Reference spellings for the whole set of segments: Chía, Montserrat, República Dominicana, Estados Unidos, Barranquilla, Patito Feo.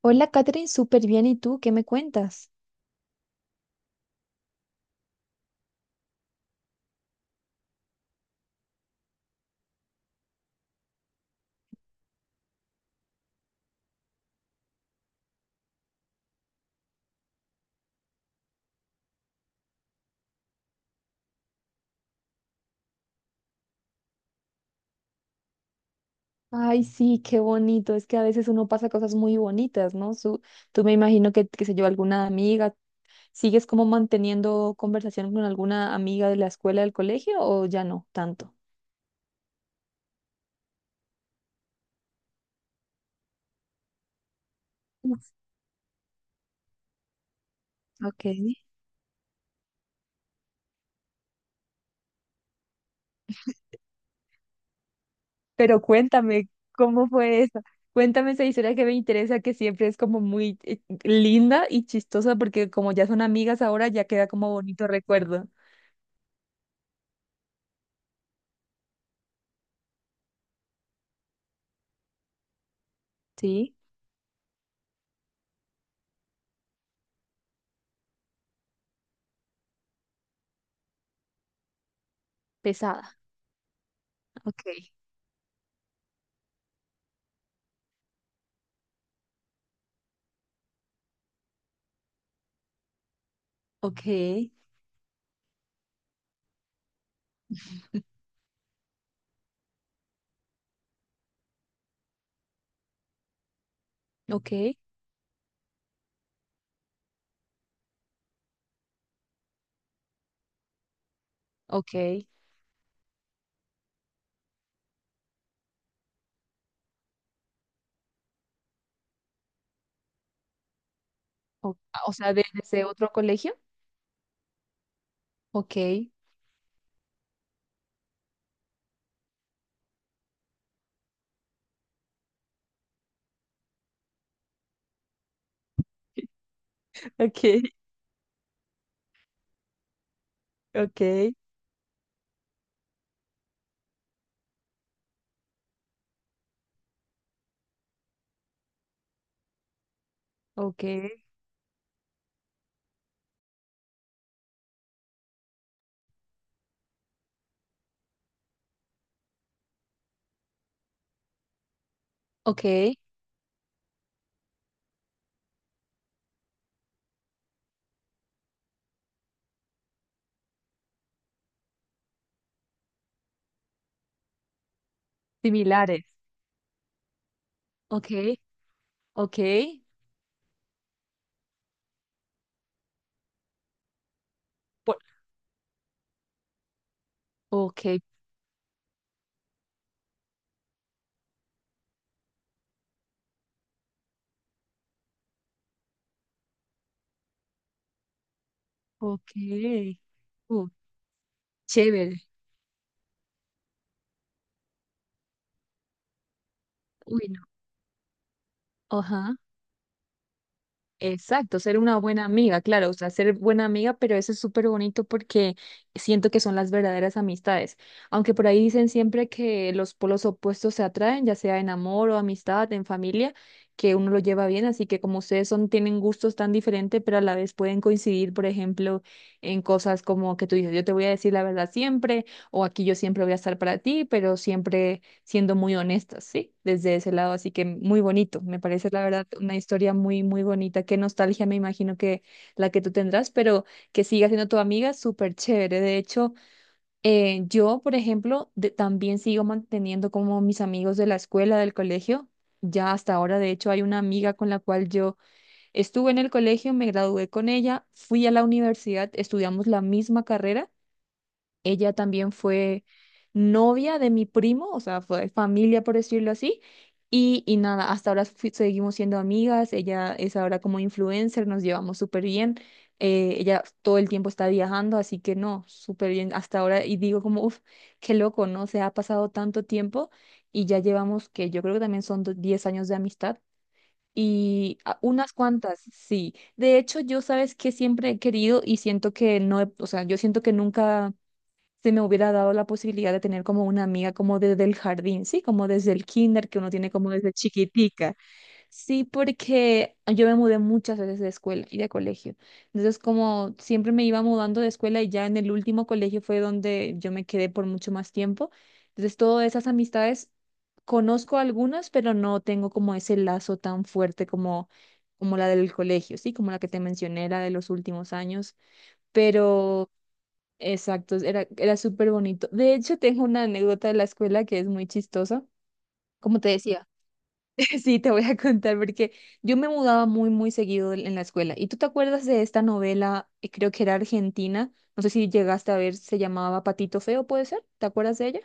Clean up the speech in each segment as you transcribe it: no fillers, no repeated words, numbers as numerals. Hola, Katherine, súper bien. ¿Y tú qué me cuentas? Ay, sí, qué bonito. Es que a veces uno pasa cosas muy bonitas, ¿no? Tú me imagino que, qué sé yo, alguna amiga, ¿sigues como manteniendo conversación con alguna amiga de la escuela, del colegio o ya no tanto? Uf, ok, pero cuéntame, ¿cómo fue eso? Cuéntame esa historia que me interesa, que siempre es como muy linda y chistosa porque como ya son amigas ahora, ya queda como bonito recuerdo. Sí, pesada. Ok. Ok, ok. Ok, O, o sea, desde otro colegio. Ok, ok, ok, ok, ok. Similares. Ok, ok, por- ok, ok. Uh, Chévere. Uy, no. Ajá. Exacto, ser una buena amiga, claro, o sea, ser buena amiga, pero eso es súper bonito porque siento que son las verdaderas amistades. Aunque por ahí dicen siempre que los polos opuestos se atraen, ya sea en amor o amistad, en familia, que uno lo lleva bien, así que como ustedes son, tienen gustos tan diferentes, pero a la vez pueden coincidir, por ejemplo, en cosas como que tú dices, yo te voy a decir la verdad siempre, o aquí yo siempre voy a estar para ti, pero siempre siendo muy honestas, ¿sí? Desde ese lado, así que muy bonito, me parece la verdad una historia muy, muy bonita, qué nostalgia me imagino que la que tú tendrás, pero que siga siendo tu amiga, súper chévere. De hecho, yo, por ejemplo, también sigo manteniendo como mis amigos de la escuela, del colegio. Ya hasta ahora, de hecho, hay una amiga con la cual yo estuve en el colegio, me gradué con ella, fui a la universidad, estudiamos la misma carrera, ella también fue novia de mi primo, o sea, fue familia por decirlo así. Y nada, hasta ahora seguimos siendo amigas, ella es ahora como influencer, nos llevamos súper bien. Eh, ella todo el tiempo está viajando, así que no, súper bien hasta ahora. Y digo como, uff, qué loco, ¿no? Se ha pasado tanto tiempo y ya llevamos que yo creo que también son 10 años de amistad. Y unas cuantas, sí. De hecho, yo sabes que siempre he querido y siento que no, o sea, yo siento que nunca se me hubiera dado la posibilidad de tener como una amiga como desde el jardín, sí, como desde el kinder que uno tiene como desde chiquitica. Sí, porque yo me mudé muchas veces de escuela y de colegio. Entonces, como siempre me iba mudando de escuela y ya en el último colegio fue donde yo me quedé por mucho más tiempo. Entonces, todas esas amistades conozco algunas, pero no tengo como ese lazo tan fuerte como como la del colegio, sí, como la que te mencioné, la de los últimos años, pero exacto, era, era súper bonito. De hecho, tengo una anécdota de la escuela que es muy chistosa. Como te decía, sí, te voy a contar porque yo me mudaba muy, muy seguido en la escuela. ¿Y tú te acuerdas de esta novela? Creo que era argentina. No sé si llegaste a ver, se llamaba Patito Feo, ¿puede ser? ¿Te acuerdas de ella?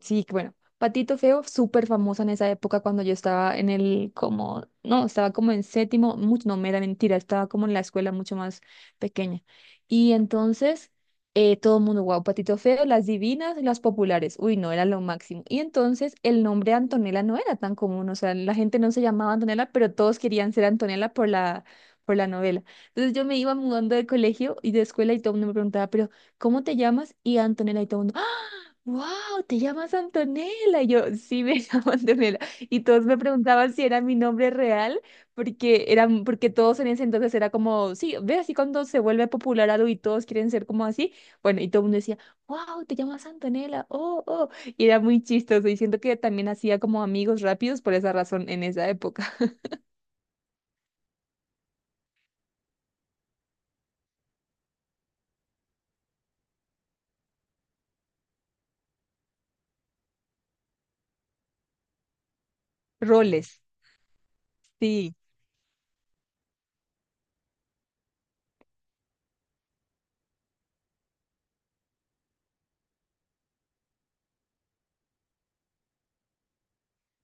Sí, que bueno, Patito Feo, súper famosa en esa época cuando yo estaba como, no, estaba como en séptimo, mucho, no, me da mentira, estaba como en la escuela mucho más pequeña. Y entonces, todo el mundo, wow, Patito Feo, las divinas, las populares, uy, no, era lo máximo. Y entonces el nombre Antonella no era tan común, o sea, la gente no se llamaba Antonella, pero todos querían ser Antonella por la novela. Entonces yo me iba mudando de colegio y de escuela y todo el mundo me preguntaba, pero, ¿cómo te llamas? Y Antonella y todo wow, te llamas Antonella. Y yo, sí, me llamo Antonella. Y todos me preguntaban si era mi nombre real, porque todos en ese entonces era como, sí, ve así cuando se vuelve popular algo y todos quieren ser como así. Bueno, y todo el mundo decía, wow, te llamas Antonella, oh, oh. Y era muy chistoso. Y siento que también hacía como amigos rápidos por esa razón en esa época. Roles, sí.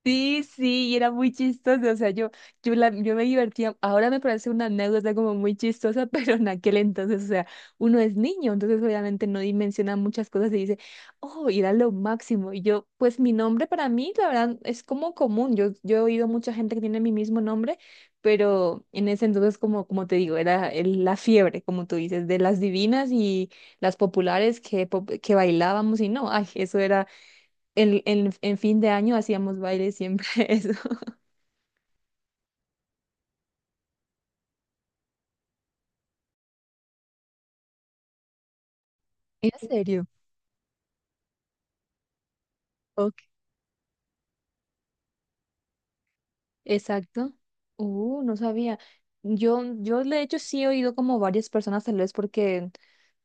Sí, sí, y era muy chistoso, o sea, yo me divertía, ahora me parece una anécdota como muy chistosa, pero en aquel entonces, o sea, uno es niño, entonces obviamente no dimensiona muchas cosas y dice, oh, y era lo máximo, y yo, pues mi nombre para mí, la verdad, es como común, yo he oído mucha gente que tiene mi mismo nombre, pero en ese entonces, como, como te digo, era la fiebre, como tú dices, de las divinas y las populares que, que bailábamos y no, ay, eso el en fin de año hacíamos baile siempre eso. ¿En serio? Ok, exacto. No sabía. Yo de hecho sí he oído como varias personas, tal vez porque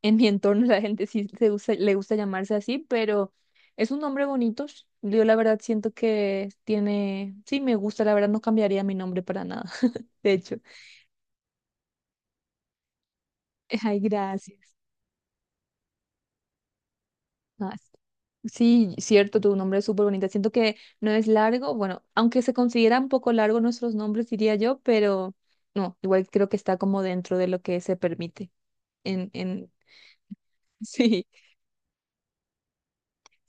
en mi entorno la gente sí le gusta llamarse así, pero es un nombre bonito. Yo la verdad siento que tiene, sí me gusta, la verdad no cambiaría mi nombre para nada, de hecho. Ay, gracias. Ah, sí, cierto, tu nombre es súper bonito. Siento que no es largo, bueno, aunque se considera un poco largo nuestros nombres, diría yo, pero no, igual creo que está como dentro de lo que se permite. En, en... Sí,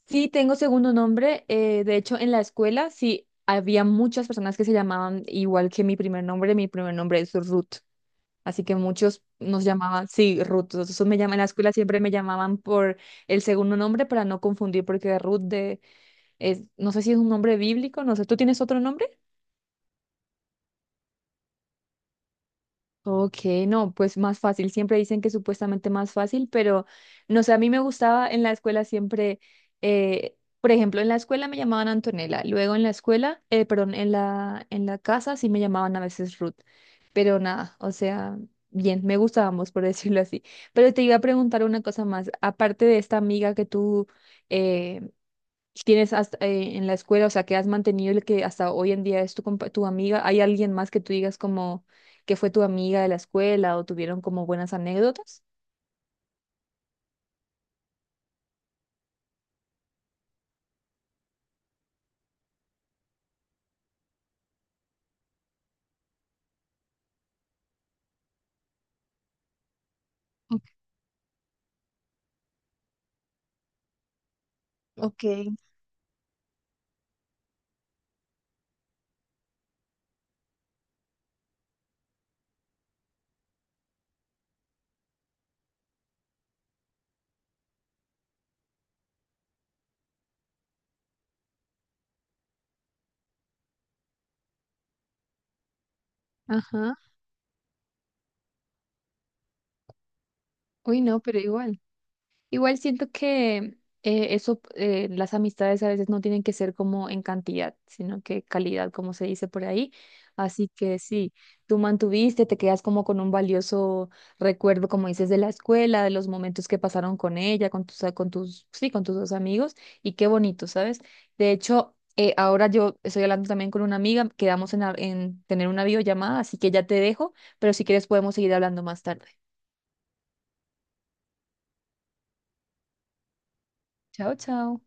sí, tengo segundo nombre. De hecho, en la escuela sí había muchas personas que se llamaban igual que mi primer nombre. Mi primer nombre es Ruth, así que muchos nos llamaban, sí, Ruth. Entonces en la escuela siempre me llamaban por el segundo nombre para no confundir, porque Ruth de Es, no sé si es un nombre bíblico, no sé, ¿tú tienes otro nombre? Ok, no, pues más fácil, siempre dicen que supuestamente más fácil, pero no sé, a mí me gustaba en la escuela siempre, por ejemplo, en la escuela me llamaban Antonella, luego en la escuela, perdón, en la casa sí me llamaban a veces Ruth, pero nada, o sea, bien, me gustábamos, por decirlo así. Pero te iba a preguntar una cosa más, aparte de esta amiga que tú... eh, tienes hasta, en la escuela, o sea, que has mantenido el que hasta hoy en día es tu amiga? ¿Hay alguien más que tú digas como que fue tu amiga de la escuela o tuvieron como buenas anécdotas? Ok. Ajá. Uy, no, pero igual. Igual siento que eso, las amistades a veces no tienen que ser como en cantidad, sino que calidad, como se dice por ahí. Así que sí, tú mantuviste, te quedas como con un valioso recuerdo, como dices, de la escuela, de los momentos que pasaron con ella, sí, con tus dos amigos, y qué bonito, ¿sabes? De hecho, ahora yo estoy hablando también con una amiga, quedamos en tener una videollamada, así que ya te dejo, pero si quieres podemos seguir hablando más tarde. Chao, chao.